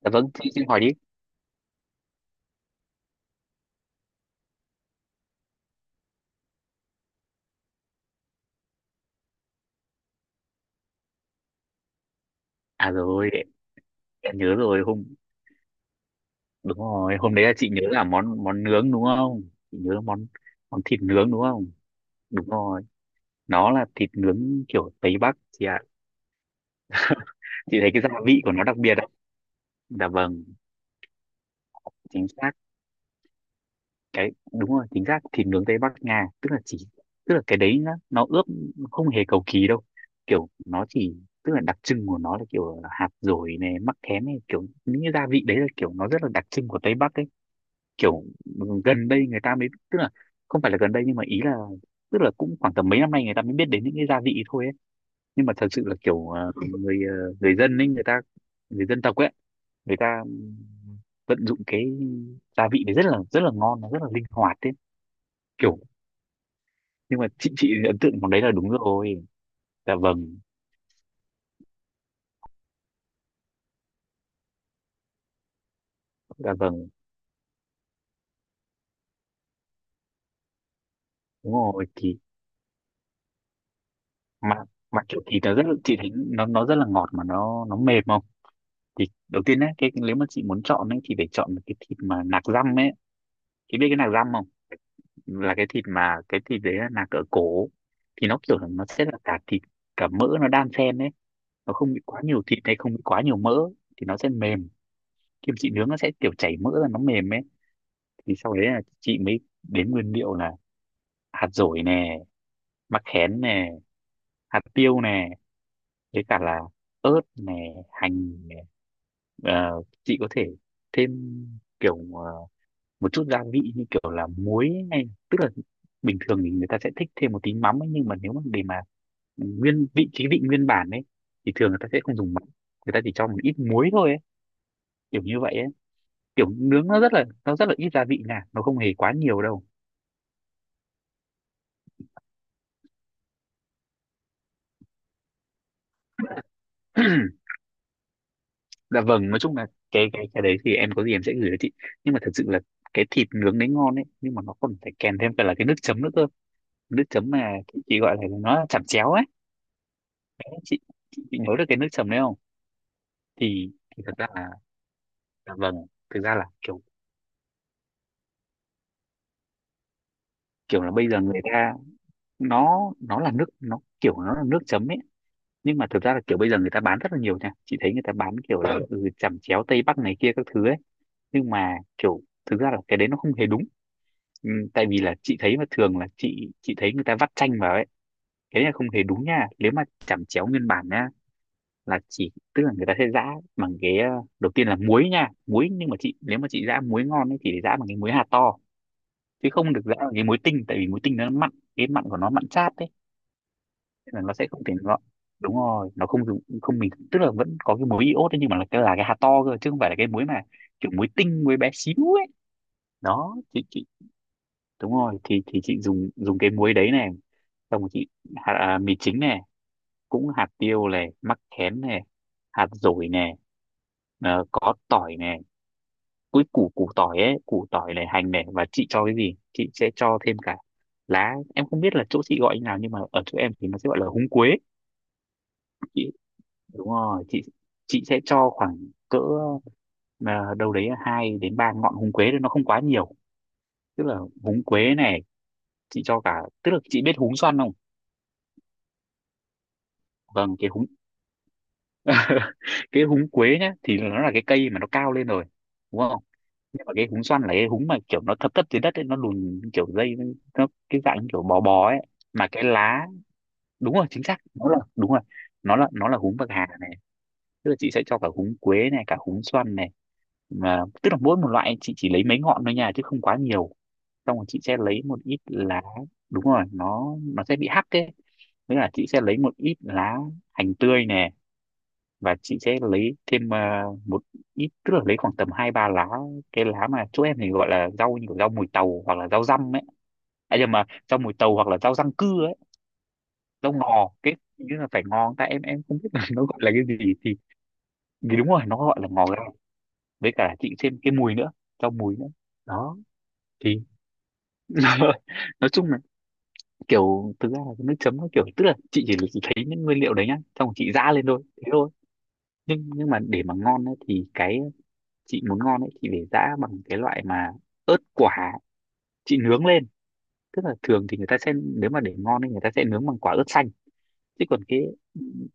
Dạ vâng, chị hỏi đi. À rồi, em nhớ rồi. Đúng rồi, hôm đấy là chị nhớ là món món nướng đúng không? Chị nhớ là món món thịt nướng đúng không? Đúng rồi, nó là thịt nướng kiểu Tây Bắc chị ạ. Chị thấy cái gia vị của nó đặc biệt ạ. Dạ vâng, chính xác. Đúng rồi, chính xác thịt nướng Tây Bắc Nga, tức là cái đấy nó ướp không hề cầu kỳ đâu. Kiểu nó chỉ tức là đặc trưng của nó là kiểu hạt dổi này, mắc khén này, kiểu những cái gia vị đấy là kiểu nó rất là đặc trưng của Tây Bắc ấy. Kiểu, gần đây người ta mới tức là không phải là gần đây, nhưng mà ý là tức là cũng khoảng tầm mấy năm nay người ta mới biết đến những cái gia vị thôi ấy. Nhưng mà thật sự là kiểu người ờ, người dân ấy người ta người dân tộc ấy người ta vận dụng cái gia vị đấy rất là ngon, nó rất là linh hoạt ấy kiểu. Nhưng mà chị ấn tượng món đấy là đúng rồi. Dạ vâng. Dạ vâng, đúng rồi thì mà mà kiểu thì chị thấy nó rất là ngọt, mà nó mềm không? Thì đầu tiên ấy cái nếu mà chị muốn chọn ấy thì phải chọn cái thịt mà nạc dăm ấy. Chị biết cái nạc dăm không? Là cái thịt đấy là nạc ở cổ. Thì nó kiểu là nó sẽ là cả thịt cả mỡ nó đan xen đấy. Nó không bị quá nhiều thịt hay không bị quá nhiều mỡ thì nó sẽ mềm. Kim chị nướng nó sẽ kiểu chảy mỡ ra nó mềm ấy. Thì sau đấy là chị mới đến nguyên liệu là hạt dổi nè, mắc khén nè, hạt tiêu nè, với cả là ớt nè, hành nè. Chị có thể thêm kiểu một chút gia vị như kiểu là muối hay tức là bình thường thì người ta sẽ thích thêm một tí mắm ấy, nhưng mà nếu mà để mà nguyên vị trí vị nguyên bản ấy thì thường người ta sẽ không dùng mắm. Người ta chỉ cho một ít muối thôi ấy, kiểu như vậy ấy. Kiểu nướng nó rất là ít gia vị nha, nó không hề quá nhiều đâu. Dạ vâng, nói chung là cái đấy thì em có gì em sẽ gửi cho chị. Nhưng mà thật sự là cái thịt nướng đấy ngon ấy, nhưng mà nó còn phải kèm thêm cả là cái nước chấm nữa cơ. Nước chấm mà chị gọi là nó là chẩm chéo ấy. Chị, chị, chị nhớ được cái nước chấm đấy không? Thì, thì thật ra là... Dạ vâng, thực ra là kiểu kiểu là bây giờ người ta... Nó là nước, nó kiểu nó là nước chấm ấy. Nhưng mà thực ra là kiểu bây giờ người ta bán rất là nhiều nha, chị thấy người ta bán kiểu là chẩm chéo Tây Bắc này kia các thứ ấy. Nhưng mà kiểu thực ra là cái đấy nó không hề đúng. Ừ, tại vì là chị thấy mà thường là chị thấy người ta vắt chanh vào ấy. Cái đấy là không hề đúng nha nếu mà chẩm chéo nguyên bản nha. Là chỉ tức là người ta sẽ giã bằng cái đầu tiên là muối nha. Muối, nhưng mà nếu mà chị giã muối ngon ấy thì phải giã bằng cái muối hạt to. Chứ không được rã vào cái muối tinh, tại vì muối tinh nó mặn, cái mặn của nó mặn chát đấy. Nên là nó sẽ không thể ngọt. Đúng rồi, nó không dùng, không, mình tức là vẫn có cái muối iốt đấy, nhưng mà là cái hạt to cơ chứ không phải là cái muối mà kiểu muối tinh, muối bé xíu ấy. Đó chị, đúng rồi thì chị dùng dùng cái muối đấy này. Xong rồi chị mì chính này, cũng hạt tiêu này, mắc khén này, hạt dổi này. Có tỏi này. Cuối củ củ tỏi ấy, củ tỏi này, hành này, và chị cho cái gì chị sẽ cho thêm cả lá, em không biết là chỗ chị gọi như nào, nhưng mà ở chỗ em thì nó sẽ gọi là húng quế. chị Đúng rồi, chị sẽ cho khoảng cỡ đâu đấy hai đến ba ngọn húng quế thôi, nó không quá nhiều. Tức là húng quế này chị cho cả, tức là chị biết húng xoăn không? Vâng, cái húng cái húng quế nhá thì nó là cái cây mà nó cao lên rồi đúng không? Nhưng mà cái húng xoăn là cái húng mà kiểu nó thấp thấp dưới đất ấy, nó lùn kiểu dây. Nó cái dạng kiểu bò bò ấy. Mà cái lá Đúng rồi, chính xác, nó là, đúng rồi. Nó là húng bạc hà này. Tức là chị sẽ cho cả húng quế này, cả húng xoăn này. Mà tức là mỗi một loại chị chỉ lấy mấy ngọn thôi nha chứ không quá nhiều. Xong rồi chị sẽ lấy một ít lá. Đúng rồi, nó sẽ bị hắc ấy. Với là chị sẽ lấy một ít lá hành tươi nè. Và chị sẽ lấy thêm một ít, tức là lấy khoảng tầm hai ba lá, cái lá mà chỗ em thì gọi là rau như kiểu rau mùi tàu hoặc là rau răm ấy. À nhưng mà rau mùi tàu hoặc là rau răng cưa ấy. Rau ngò, cái hình như là phải ngò tại em không biết là nó gọi là cái gì thì... Thì đúng rồi, nó gọi là ngò gai. Với cả chị thêm cái mùi nữa rau mùi nữa. Đó thì nói chung là kiểu thực ra là cái nước chấm nó kiểu tức là chị chỉ thấy những nguyên liệu đấy nhá, xong rồi chị giã lên thôi thế thôi. Nhưng mà để mà ngon ấy, thì cái chị muốn ngon ấy chị phải giã bằng cái loại mà ớt quả, chị nướng lên. Tức là thường thì người ta sẽ, nếu mà để ngon thì người ta sẽ nướng bằng quả ớt xanh. Chứ còn cái,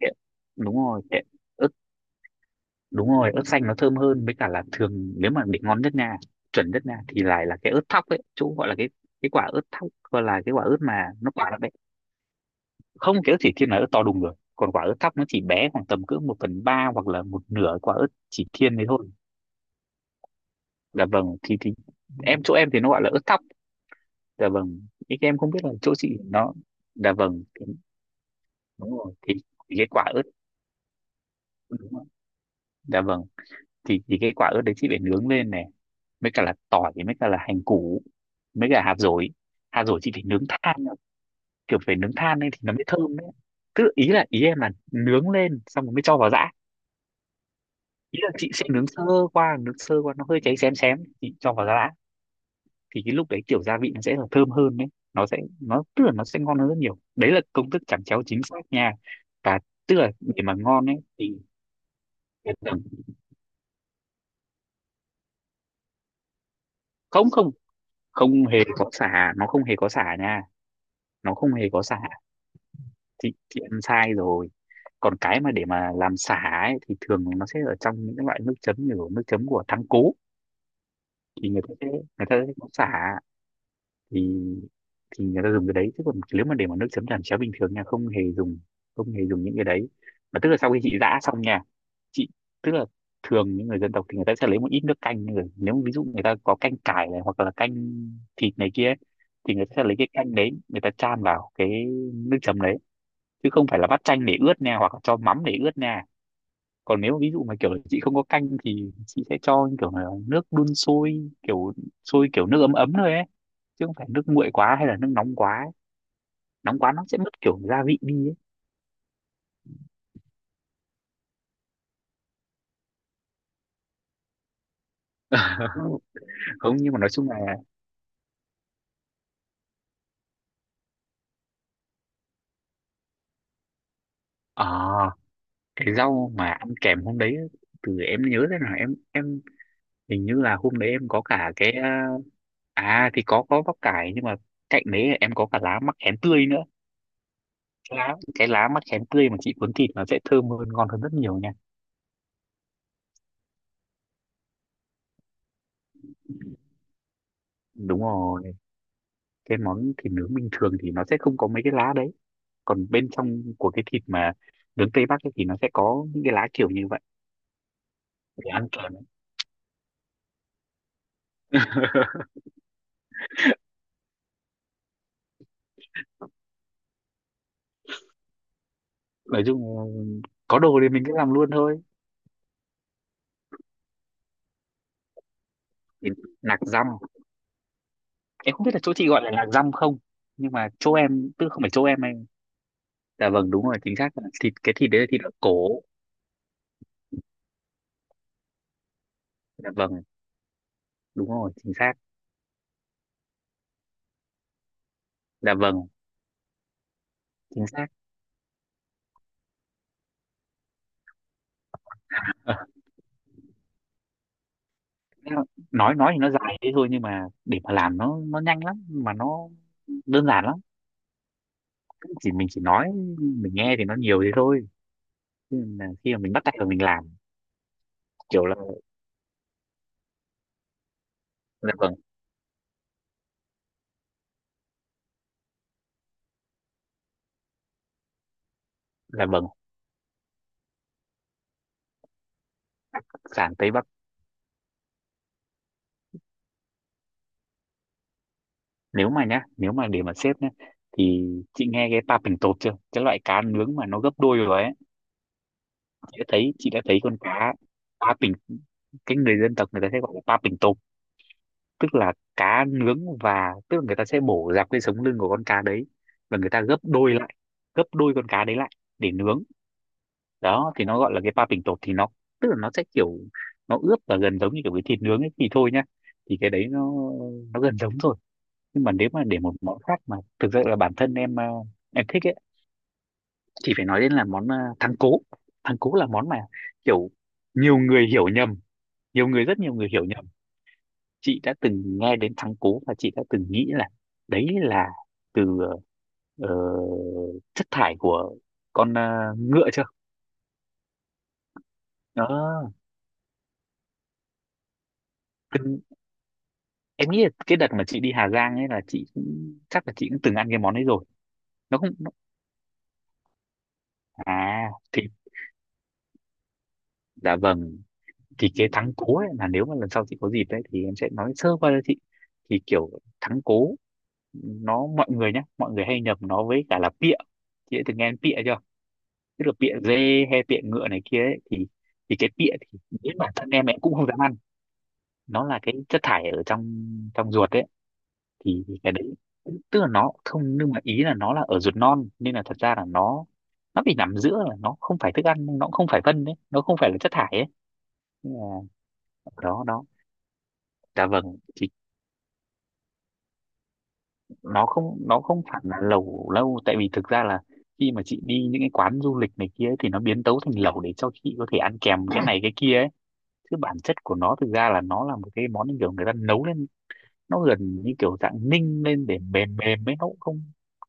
cái đúng rồi cái ớt, đúng rồi, ớt xanh nó thơm hơn, với cả là thường nếu mà để ngon nhất nha, chuẩn nhất nha, thì lại là cái ớt thóc ấy, chỗ gọi là cái quả ớt thóc, gọi là cái quả ớt mà nó quả lắm đấy. Không, cái ớt chỉ thiên là ớt to đùng rồi, còn quả ớt thóc nó chỉ bé khoảng tầm cỡ một phần ba hoặc là một nửa quả ớt chỉ thiên đấy thôi. Dạ vâng thì chỗ em thì nó gọi là ớt thóc. Dạ vâng, ý em không biết là chỗ chị nó... Dạ vâng đúng rồi thì cái quả ớt, đúng rồi. Dạ vâng thì cái quả ớt đấy chị phải nướng lên này, mới cả là tỏi, mới cả là hành củ, mới cả hạt dổi. Hạt dổi chị phải nướng than nữa. Kiểu phải nướng than lên thì nó mới thơm đấy. Tức là ý em là nướng lên xong rồi mới cho vào giã. Ý là chị sẽ nướng sơ qua, nó hơi cháy xém xém, chị cho vào giã. Thì cái lúc đấy kiểu gia vị nó sẽ là thơm hơn đấy. Nó sẽ nó Tức là nó sẽ ngon hơn rất nhiều, đấy là công thức chẩm chéo chính xác nha. Và tức là để mà ngon ấy thì... Không, không, không hề có sả, nó không hề có sả nha. Nó không hề có sả. Thì ăn sai rồi. Còn cái mà để mà làm sả ấy, thì thường nó sẽ ở trong những cái loại nước chấm như kiểu nước chấm của thắng cố. Thì người ta sẽ có sả. Thì thì người ta dùng cái đấy chứ còn nếu mà để mà nước chấm làm cháo bình thường nha, không hề dùng. Không hề dùng những cái đấy. Mà tức là sau khi chị giã xong nha, chị tức là thường những người dân tộc thì người ta sẽ lấy một ít nước canh rồi nếu mà ví dụ người ta có canh cải này hoặc là canh thịt này kia ấy, thì người ta sẽ lấy cái canh đấy, người ta chan vào cái nước chấm đấy. Chứ không phải là bắt chanh để ướt nha, hoặc là cho mắm để ướt nha. Còn nếu ví dụ mà Kiểu chị không có canh thì chị sẽ cho kiểu là nước đun sôi, kiểu sôi, kiểu nước ấm ấm thôi ấy, chứ không phải nước nguội quá hay là nước nóng quá ấy. Nóng quá nó sẽ mất kiểu gia vị đi ấy. Không, nhưng mà nói chung là ờ cái rau mà ăn kèm hôm đấy, từ em nhớ thế nào, em hình như là hôm đấy em có cả cái à. À, thì có bắp cải, nhưng mà cạnh đấy em có cả lá mắc khén tươi nữa. Cái lá mắc khén tươi mà chị cuốn thịt nó sẽ thơm hơn, ngon hơn rất nhiều nha. Đúng rồi, cái món thịt nướng bình thường thì nó sẽ không có mấy cái lá đấy, còn bên trong của cái thịt mà nướng Tây Bắc ấy thì nó sẽ có những cái lá kiểu như vậy để ăn kèm. Nói chung có đồ thì mình cứ làm luôn thôi. Thì nạc dăm, em không biết là chỗ chị gọi là lạc răm không, nhưng mà chỗ em tức không phải chỗ em anh, dạ vâng đúng rồi, chính xác là thịt, cái thịt đấy là thịt ở cổ. Dạ vâng, đúng rồi, chính xác. Dạ vâng, chính xác. Ờ, nói thì nó dài thế thôi, nhưng mà để mà làm nó nhanh lắm mà nó đơn giản lắm. Mình chỉ nói, mình nghe thì nó nhiều thế thôi, chứ là khi mà mình bắt tay vào mình làm kiểu là, dạ vâng, dạ vâng, sản tế bào. Nếu mà nhá, nếu mà để mà xếp nhá, thì chị nghe cái pa pình tột chưa, cái loại cá nướng mà nó gấp đôi rồi ấy. Chị đã thấy con cá pa pình, cái người dân tộc người ta sẽ gọi là pa pình tột, tức là cá nướng, và tức là người ta sẽ bổ dọc cái sống lưng của con cá đấy và người ta gấp đôi lại, gấp đôi con cá đấy lại để nướng. Đó thì nó gọi là cái pa pình tột, thì nó tức là nó sẽ kiểu nó ướp và gần giống như kiểu cái thịt nướng ấy thì thôi nhá, thì cái đấy nó gần giống rồi. Nhưng mà nếu mà để một món khác mà thực sự là bản thân em em thích ấy, thì phải nói đến là món thắng cố. Thắng cố là món mà kiểu nhiều người hiểu nhầm nhiều người, rất nhiều người hiểu nhầm. Chị đã từng nghe đến thắng cố và chị đã từng nghĩ là đấy là từ ờ, chất thải của con ngựa chưa? Đó, từng- em nghĩ là cái đợt mà chị đi Hà Giang ấy là chị cũng, chắc là chị cũng từng ăn cái món ấy rồi. Nó không, nó, à thì dạ vâng, thì cái thắng cố ấy là nếu mà lần sau chị có dịp đấy thì em sẽ nói sơ qua cho chị. Thì kiểu thắng cố nó, mọi người nhá, mọi người hay nhầm nó với cả là pịa. Chị đã từng nghe đến pịa chưa? Tức là pịa dê hay pịa ngựa này kia ấy, thì cái pịa thì đến bản thân em cũng không dám ăn. Nó là cái chất thải ở trong, trong ruột ấy. Thì cái đấy tức là nó không, nhưng mà ý là nó là ở ruột non nên là thật ra là nó bị nằm giữa, là nó không phải thức ăn, nó cũng không phải phân đấy, nó không phải là chất thải ấy. Nên là ở đó đó. Dạ vâng, nó không, nó không hẳn là lẩu lâu, tại vì thực ra là khi mà chị đi những cái quán du lịch này kia ấy, thì nó biến tấu thành lẩu để cho chị có thể ăn kèm cái này cái kia ấy. Chứ bản chất của nó thực ra là nó là một cái món như kiểu người ta nấu lên, nó gần như kiểu dạng ninh lên để mềm mềm ấy, nó cũng không,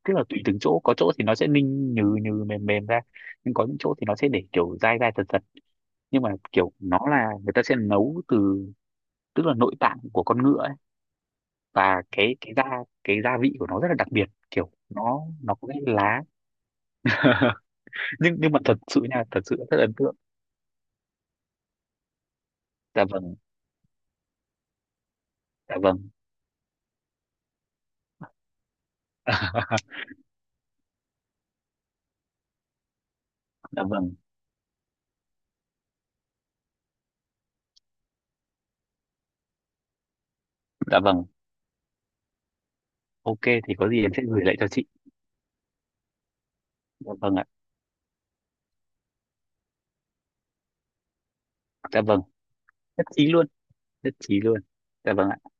tức là tùy từng chỗ, có chỗ thì nó sẽ ninh nhừ nhừ mềm mềm ra, nhưng có những chỗ thì nó sẽ để kiểu dai dai thật thật. Nhưng mà kiểu nó là người ta sẽ nấu từ, tức là nội tạng của con ngựa ấy. Và cái cái gia vị của nó rất là đặc biệt, kiểu nó có cái lá. Nhưng mà thật sự nha, thật sự rất ấn tượng. Dạ vâng. Dạ vâng. Dạ vâng. Dạ vâng. Ok, thì có gì em sẽ gửi lại cho chị. Dạ vâng ạ. Dạ vâng, nhất trí luôn. Nhất trí luôn. Dạ vâng ạ.